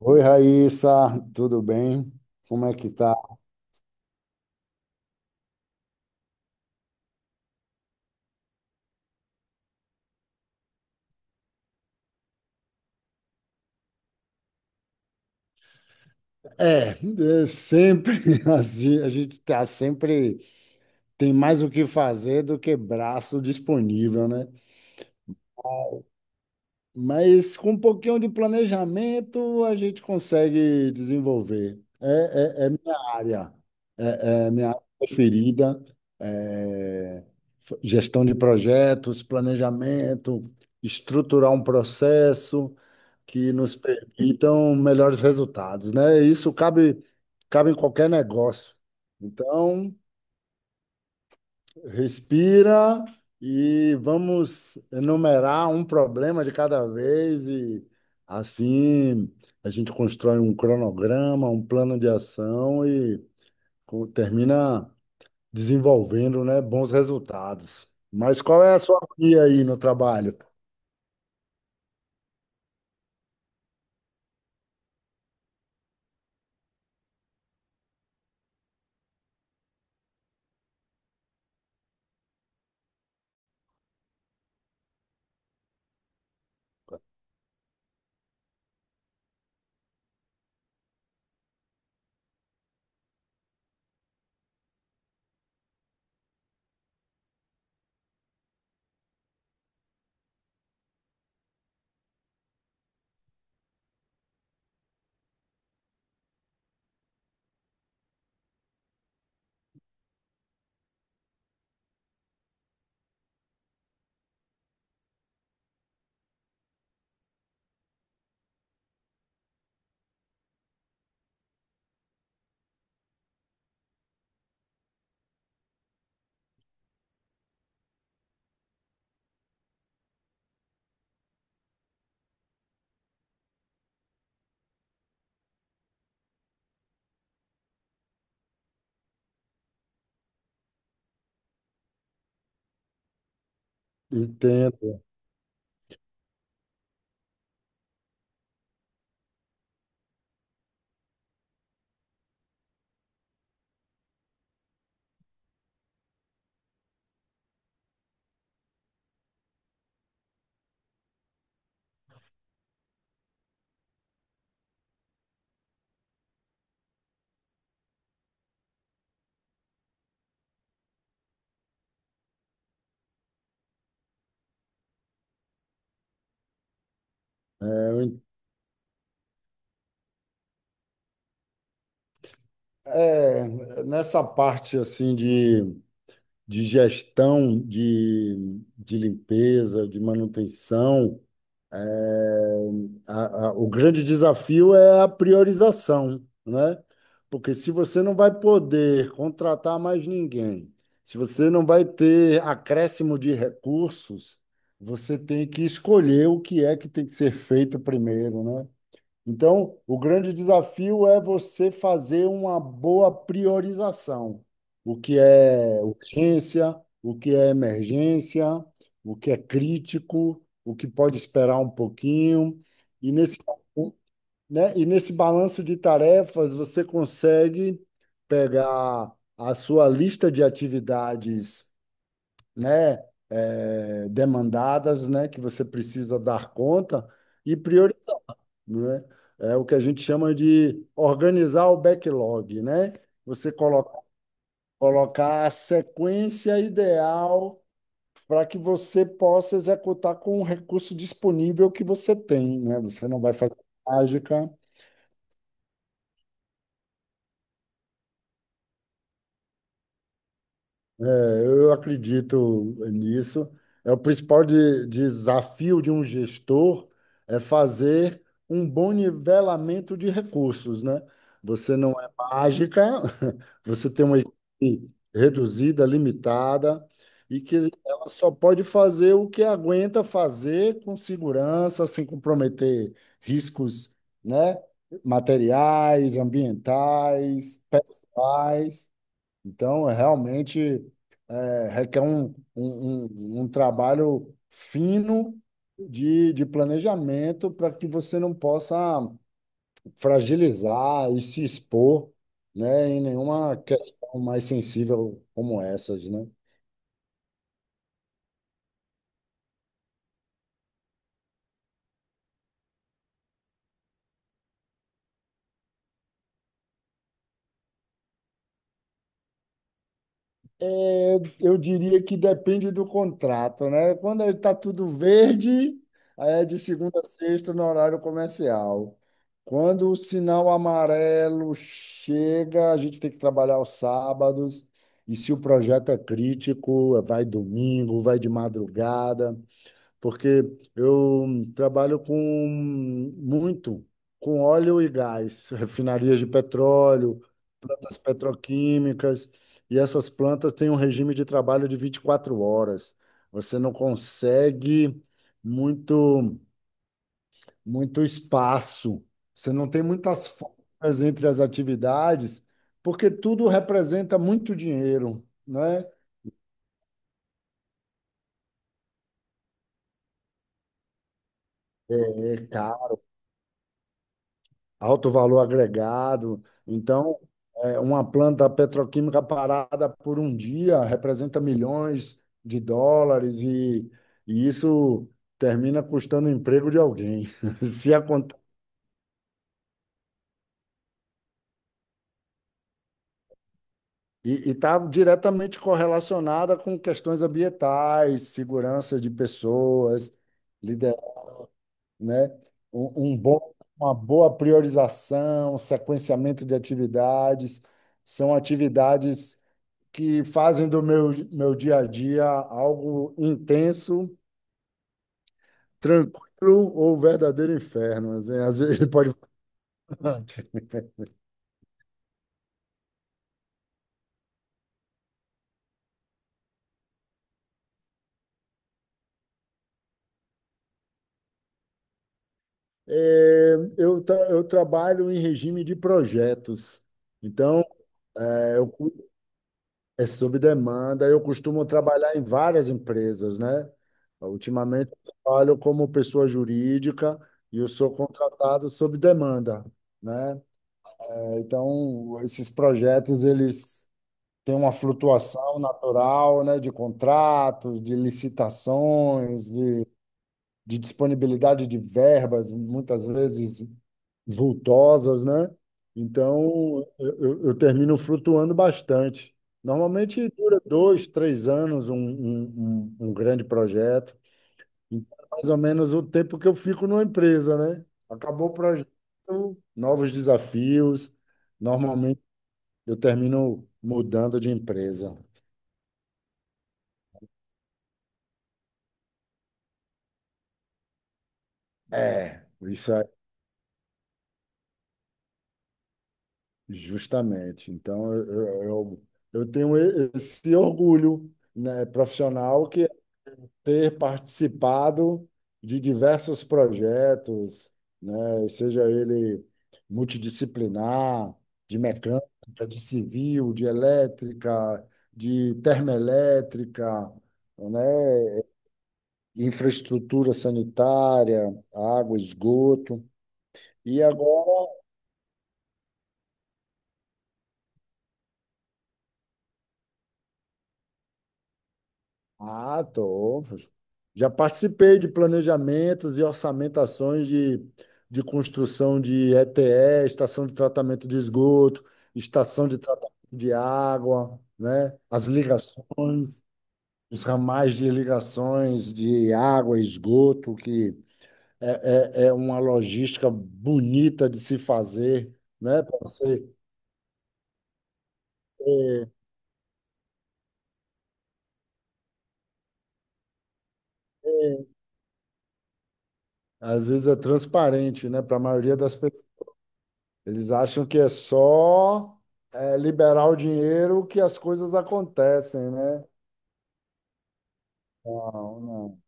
Oi, Raíssa, tudo bem? Como é que tá? É, é sempre assim, a gente tá sempre tem mais o que fazer do que braço disponível, né? Mas com um pouquinho de planejamento a gente consegue desenvolver. É minha área, é minha área preferida, é gestão de projetos, planejamento, estruturar um processo, que nos permitam melhores resultados, né? Cabe em qualquer negócio. Então, respira e vamos enumerar um problema de cada vez e assim a gente constrói um cronograma, um plano de ação e termina desenvolvendo, né, bons resultados. Mas qual é a sua via aí no trabalho? Entendo. É, eu en- É, nessa parte assim de gestão de limpeza, de manutenção, o grande desafio é a priorização, né? Porque se você não vai poder contratar mais ninguém, se você não vai ter acréscimo de recursos, você tem que escolher o que é que tem que ser feito primeiro, né? Então, o grande desafio é você fazer uma boa priorização. O que é urgência, o que é emergência, o que é crítico, o que pode esperar um pouquinho. E nesse, né, e nesse balanço de tarefas, você consegue pegar a sua lista de atividades, né, demandadas, né, que você precisa dar conta e priorizar, né? É o que a gente chama de organizar o backlog, né? Você colo- colocar a sequência ideal para que você possa executar com o recurso disponível que você tem, né? Você não vai fazer mágica. É, eu acredito nisso. É o principal desafio de um gestor é fazer um bom nivelamento de recursos, né? Você não é mágica, você tem uma equipe reduzida, limitada, e que ela só pode fazer o que aguenta fazer com segurança, sem comprometer riscos, né? Materiais, ambientais, pessoais. Então, é realmente, é, requer um trabalho fino de planejamento para que você não possa fragilizar e se expor, né, em nenhuma questão mais sensível como essas, né? É, eu diria que depende do contrato, né? Quando está tudo verde, aí é de segunda a sexta no horário comercial. Quando o sinal amarelo chega, a gente tem que trabalhar aos sábados. E se o projeto é crítico, vai domingo, vai de madrugada, porque eu trabalho com muito, com óleo e gás, refinarias de petróleo, plantas petroquímicas, e essas plantas têm um regime de trabalho de 24 horas. Você não consegue muito, muito espaço, você não tem muitas folgas entre as atividades, porque tudo representa muito dinheiro, né? Alto valor agregado. Então, é, uma planta petroquímica parada por um dia representa milhões de dólares, e isso termina custando o emprego de alguém. Se aconte- E está diretamente correlacionada com questões ambientais, segurança de pessoas, lider- né? Um bom, uma boa priorização, sequenciamento de atividades, são atividades que fazem do meu dia a dia algo intenso, tranquilo ou verdadeiro inferno. Assim, às vezes às pode. Eu trabalho em regime de projetos. Então, é, eu, cu- é sob demanda. Eu costumo trabalhar em várias empresas, né? Ultimamente, eu trabalho como pessoa jurídica e eu sou contratado sob demanda, né? Então, esses projetos, eles tem uma flutuação natural, né, de contratos, de licitações, de disponibilidade de verbas, muitas vezes vultosas, né? Então, eu termino flutuando bastante. Normalmente dura dois, três anos um grande projeto. Então, é mais ou menos o tempo que eu fico numa empresa, né? Acabou o projeto, novos desafios. Normalmente eu termino mudando de empresa. É, isso é justamente. Então, eu tenho esse orgulho, né, profissional, que é ter participado de diversos projetos, né, seja ele multidisciplinar, de mecânica, de civil, de elétrica, de termoelétrica, né, infraestrutura sanitária, água, esgoto. E agora. Ah, tô. Já participei de planejamentos e orçamentações de construção de ETE, estação de tratamento de esgoto, estação de tratamento de água, né? As ligações, os ramais de ligações de água e esgoto, que é uma logística bonita de se fazer, né? Para você, às vezes é transparente, né? Para a maioria das pessoas. Eles acham que é só, é, liberar o dinheiro que as coisas acontecem, né? Não, não.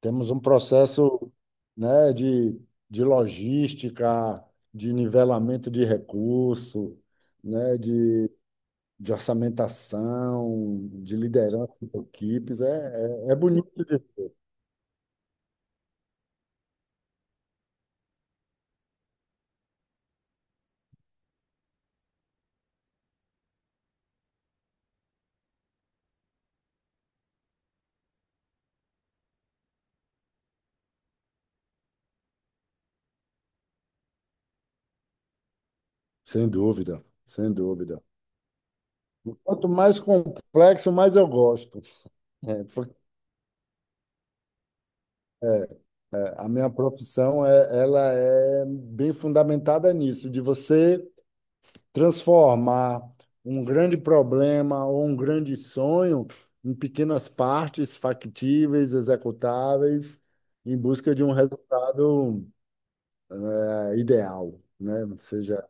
Temos um processo, né, de logística, de nivelamento de recurso, né, de orçamentação, de liderança de equipes. É bonito, sem dúvida, sem dúvida. Quanto mais complexo, mais eu gosto. É, a minha profissão é, ela é bem fundamentada nisso, de você transformar um grande problema ou um grande sonho em pequenas partes factíveis, executáveis, em busca de um resultado ideal, né? Ou seja,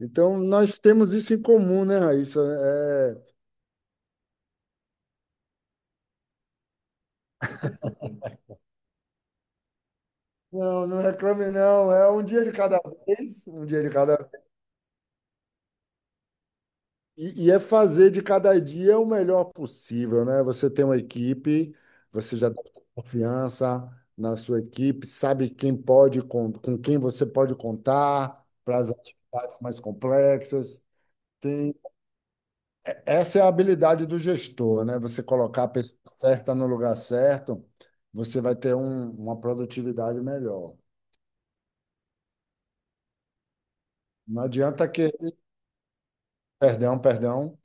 então nós temos isso em comum, né, Raíssa? É, não, não reclame não, é um dia de cada vez, um dia de cada. E e é fazer de cada dia o melhor possível, né? Você tem uma equipe, você já tem confiança na sua equipe, sabe quem pode, quem você pode contar para as atividades mais complexas. Tem, essa é a habilidade do gestor, né? Você colocar a pessoa certa no lugar certo, você vai ter uma produtividade melhor. Não adianta que... Perdão, um perdão.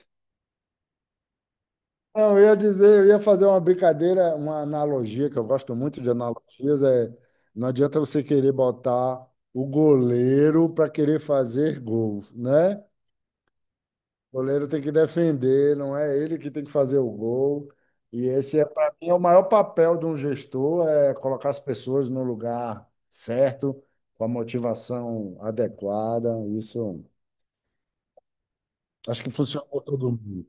Não, eu ia dizer, eu ia fazer uma brincadeira, uma analogia, que eu gosto muito de analogias, é não adianta você querer botar o goleiro para querer fazer gol, né? O goleiro tem que defender, não é ele que tem que fazer o gol. E esse é, para mim, é o maior papel de um gestor, é colocar as pessoas no lugar certo, com a motivação adequada. Isso acho que funciona para todo mundo.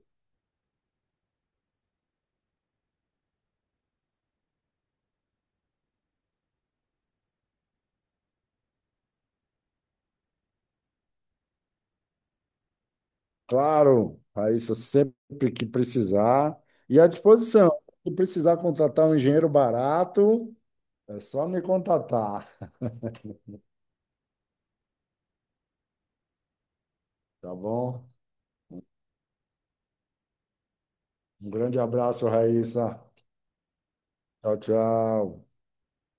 Claro, Raíssa, sempre que precisar. E à disposição. Se precisar contratar um engenheiro barato, é só me contatar, tá bom? Um grande abraço, Raíssa. Tchau, tchau.